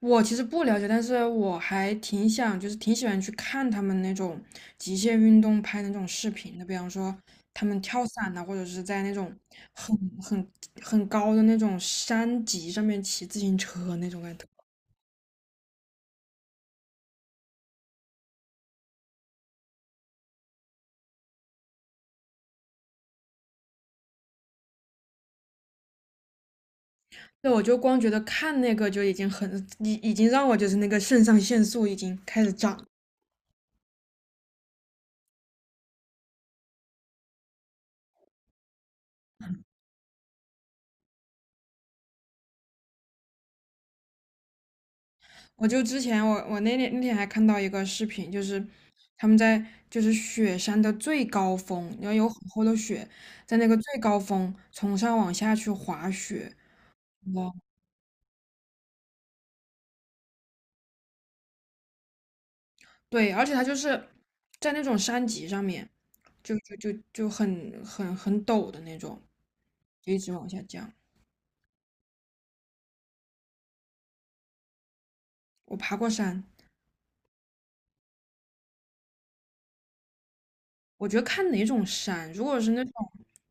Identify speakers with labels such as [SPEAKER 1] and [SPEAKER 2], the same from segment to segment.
[SPEAKER 1] 我其实不了解，但是我还挺想，就是挺喜欢去看他们那种极限运动拍的那种视频的，比方说他们跳伞呐、或者是在那种很很很高的那种山脊上面骑自行车那种感觉。对，我就光觉得看那个就已经很，已经让我就是那个肾上腺素已经开始涨。我就之前我那天还看到一个视频，就是他们在雪山的最高峰，然后有很厚的雪，在那个最高峰从上往下去滑雪。哇。对，而且它就是在那种山脊上面，就很陡的那种，就一直往下降。我爬过山，我觉得看哪种山，如果是那种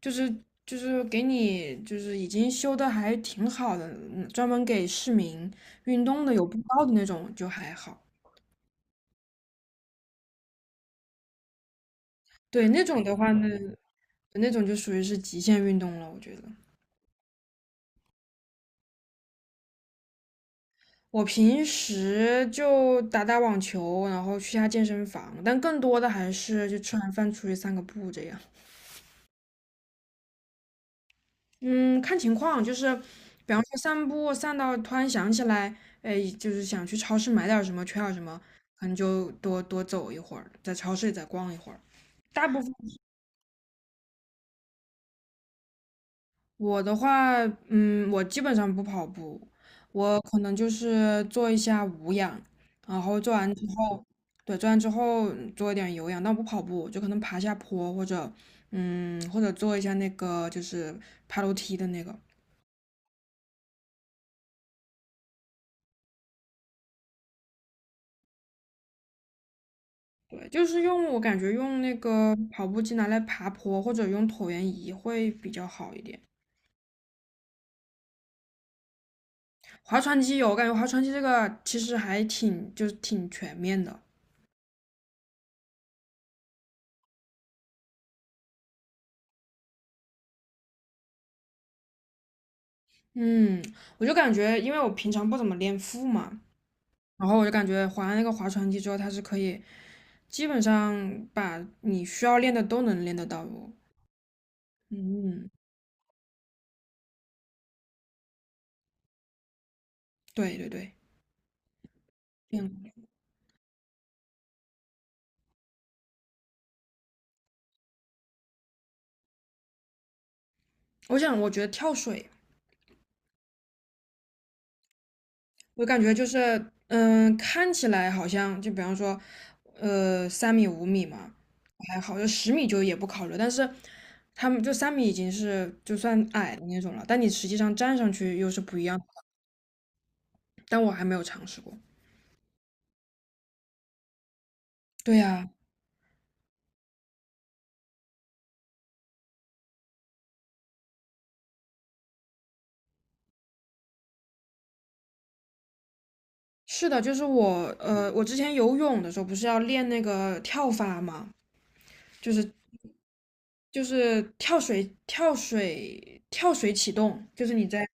[SPEAKER 1] 就是就是给你就是已经修的还挺好的，专门给市民运动的有步道的那种就还好。对，那种的话呢，那种就属于是极限运动了，我觉得。我平时就打打网球，然后去下健身房，但更多的还是就吃完饭出去散个步这样。嗯，看情况，就是比方说散步散到突然想起来，哎，就是想去超市买点儿什么，缺点儿什么，可能就多多走一会儿，在超市里再逛一会儿。大部分我的话，我基本上不跑步，我可能就是做一下无氧，然后做完之后。对，做完之后做一点有氧，但我不跑步，就可能爬下坡或者，或者做一下那个就是爬楼梯的那个。对就是我感觉用那个跑步机拿来爬坡或者用椭圆仪会比较好一点。划船机有，我感觉划船机这个其实还挺就是挺全面的。嗯，我就感觉因为我平常不怎么练腹嘛，然后我就感觉划了那个划船机之后，它是可以基本上把你需要练的都能练得到。哦。嗯，对对对，练过。我觉得跳水我感觉就是，看起来好像就比方说，三米、5米嘛，还好，就10米就也不考虑。但是他们就三米已经是就算矮的那种了，但你实际上站上去又是不一样的。但我还没有尝试过。对呀，是的，就是我之前游泳的时候不是要练那个跳法嘛，就是就是跳水、跳水、跳水启动，就是你在。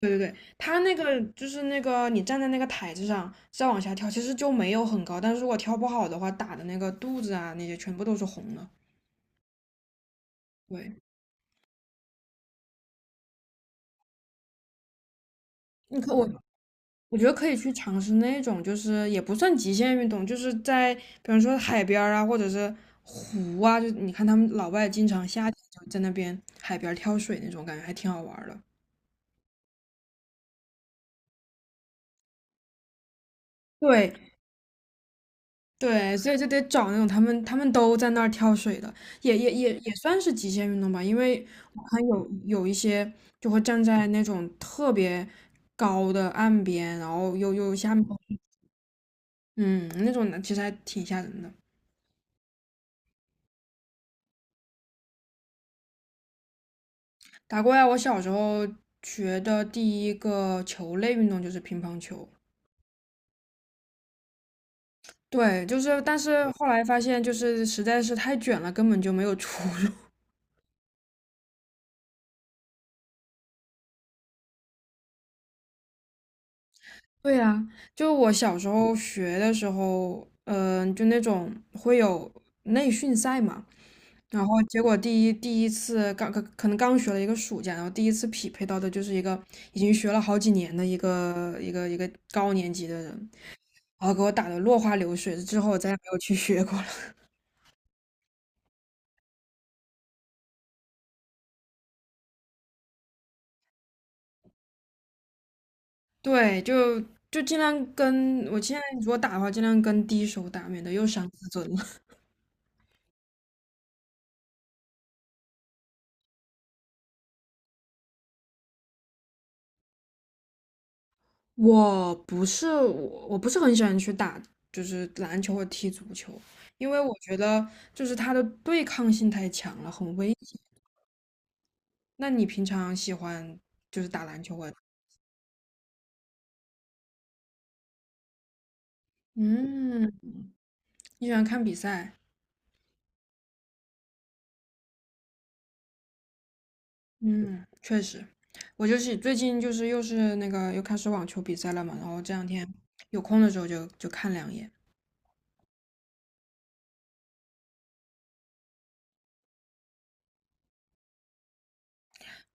[SPEAKER 1] 对对对，它那个就是那个你站在那个台子上再往下跳，其实就没有很高，但是如果跳不好的话，打的那个肚子啊那些全部都是红的。对。我我觉得可以去尝试那种，就是也不算极限运动，就是在比方说海边儿啊，或者是湖啊，就你看他们老外经常夏天就在那边海边儿跳水那种，感觉还挺好玩儿的。对，对，所以就得找那种他们都在那儿跳水的，也算是极限运动吧。因为我看有一些就会站在那种特别高的岸边，然后又下面，嗯，那种的其实还挺吓人的。打过来，我小时候学的第一个球类运动就是乒乓球。对，就是，但是后来发现，就是实在是太卷了，根本就没有出路。对呀，就我小时候学的时候，就那种会有内训赛嘛，然后结果第一次刚可能刚学了一个暑假，然后第一次匹配到的就是一个已经学了好几年的一个高年级的人，然后给我打得落花流水，之后我再也没有去学过了。对，就尽量如果打的话，尽量跟低手打，免得又伤自尊了。我不是很喜欢去打，就是篮球或踢足球，因为我觉得就是它的对抗性太强了，很危险。那你平常喜欢就是打篮球或者嗯，你喜欢看比赛？嗯，确实，我就是最近就是又是那个又开始网球比赛了嘛，然后这2天有空的时候就看两眼。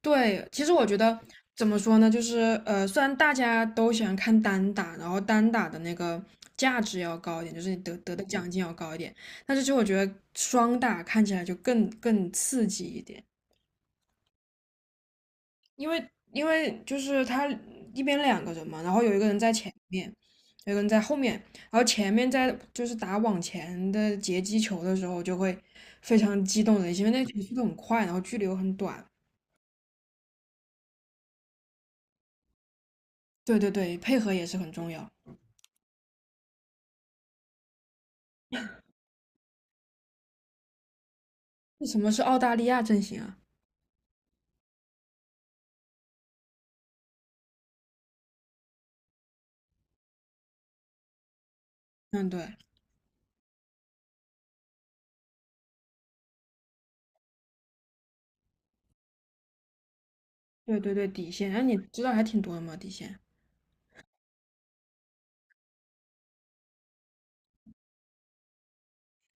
[SPEAKER 1] 对，其实我觉得怎么说呢，就是虽然大家都喜欢看单打，然后单打的那个价值要高一点，就是你得的奖金要高一点，但是其实我觉得双打看起来就更刺激一点，因为就是他一边两个人嘛，然后有一个人在前面，有一个人在后面，然后前面在就是打往前的截击球的时候就会非常激动人心，因为那个球速度很快，然后距离又很短，对对对，配合也是很重要。那什么是澳大利亚阵型啊？嗯，对，对对对，底线。哎，你知道还挺多的嘛，底线。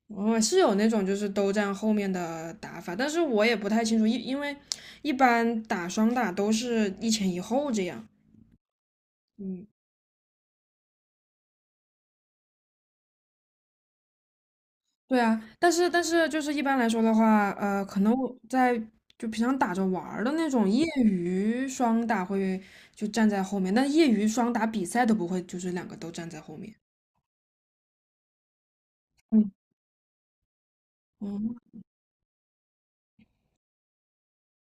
[SPEAKER 1] 我是有那种就是都站后面的打法，但是我也不太清楚，因为一般打双打都是一前一后这样。嗯，对啊，但是就是一般来说的话，可能就平常打着玩儿的那种业余双打会就站在后面，但业余双打比赛都不会，就是两个都站在后面。嗯嗯，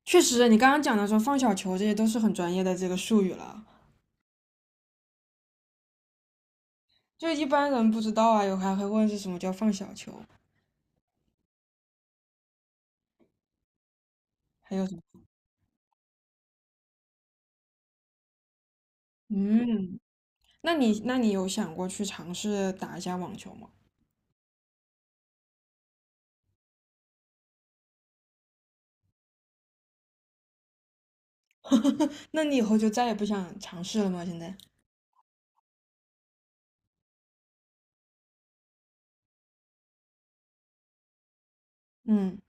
[SPEAKER 1] 确实，你刚刚讲的说放小球，这些都是很专业的这个术语了，就一般人不知道啊，有还会问是什么叫放小球，还有什么？嗯，那你有想过去尝试打一下网球吗？那你以后就再也不想尝试了吗？现在？嗯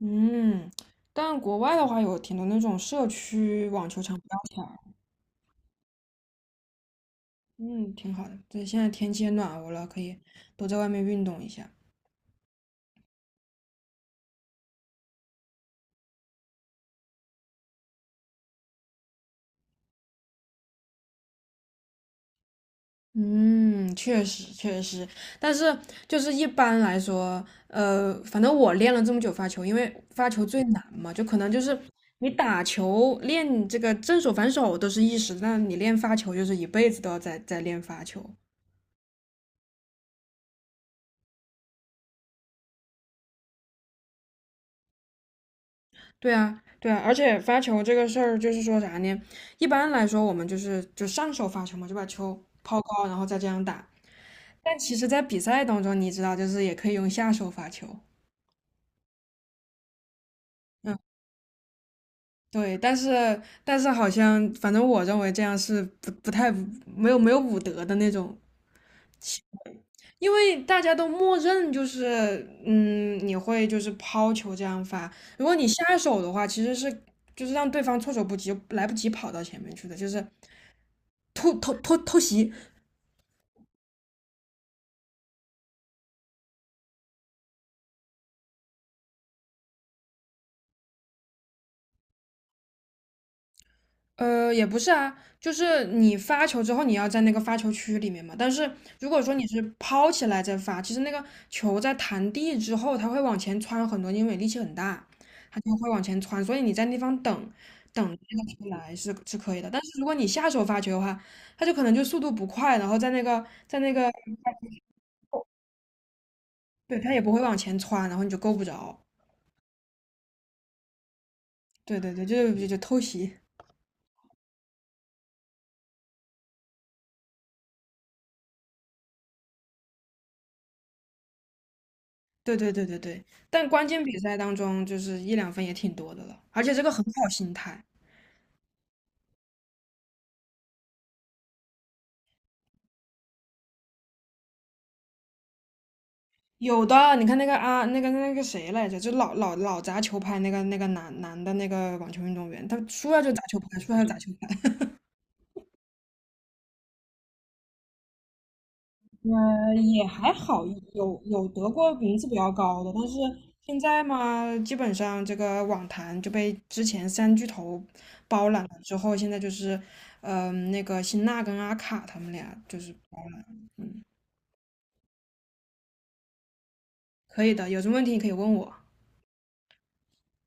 [SPEAKER 1] 嗯，但国外的话有挺多那种社区网球场不要钱，嗯，挺好的。对，现在天气也暖和了，可以多在外面运动一下。嗯，确实确实，但是就是一般来说，反正我练了这么久发球，因为发球最难嘛，就可能就是你打球练这个正手反手都是一时，但你练发球就是一辈子都要在练发球。对啊，对啊，而且发球这个事儿就是说啥呢？一般来说我们就上手发球嘛，就把球抛高，然后再这样打。但其实，在比赛当中，你知道，就是也可以用下手发球。嗯。对，但是好像，反正我认为这样是不太没有武德的那种，因为大家都默认就是，你会就是抛球这样发，如果你下手的话，其实是让对方措手不及，来不及跑到前面去的，就是突偷偷偷袭，也不是啊，就是你发球之后，你要在那个发球区里面嘛。但是如果说你是抛起来再发，其实那个球在弹地之后，它会往前窜很多，因为力气很大，它就会往前窜。所以你在那地方等那个球来是可以的。但是如果你下手发球的话，它就可能就速度不快，然后在那个，对，它也不会往前窜，然后你就够不着。对对对，就是就偷袭。对对对对对，但关键比赛当中就是一两分也挺多的了，而且这个很好心态。有的，你看那个啊，那个谁来着，就老砸球拍那个男的那个网球运动员，他输了就砸球拍，输了就砸球拍。也还好，有得过名次比较高的，但是现在嘛，基本上这个网坛就被之前三巨头包揽了之后，现在就是，那个辛纳跟阿卡他们俩就是包揽了。嗯。可以的，有什么问题你可以问我。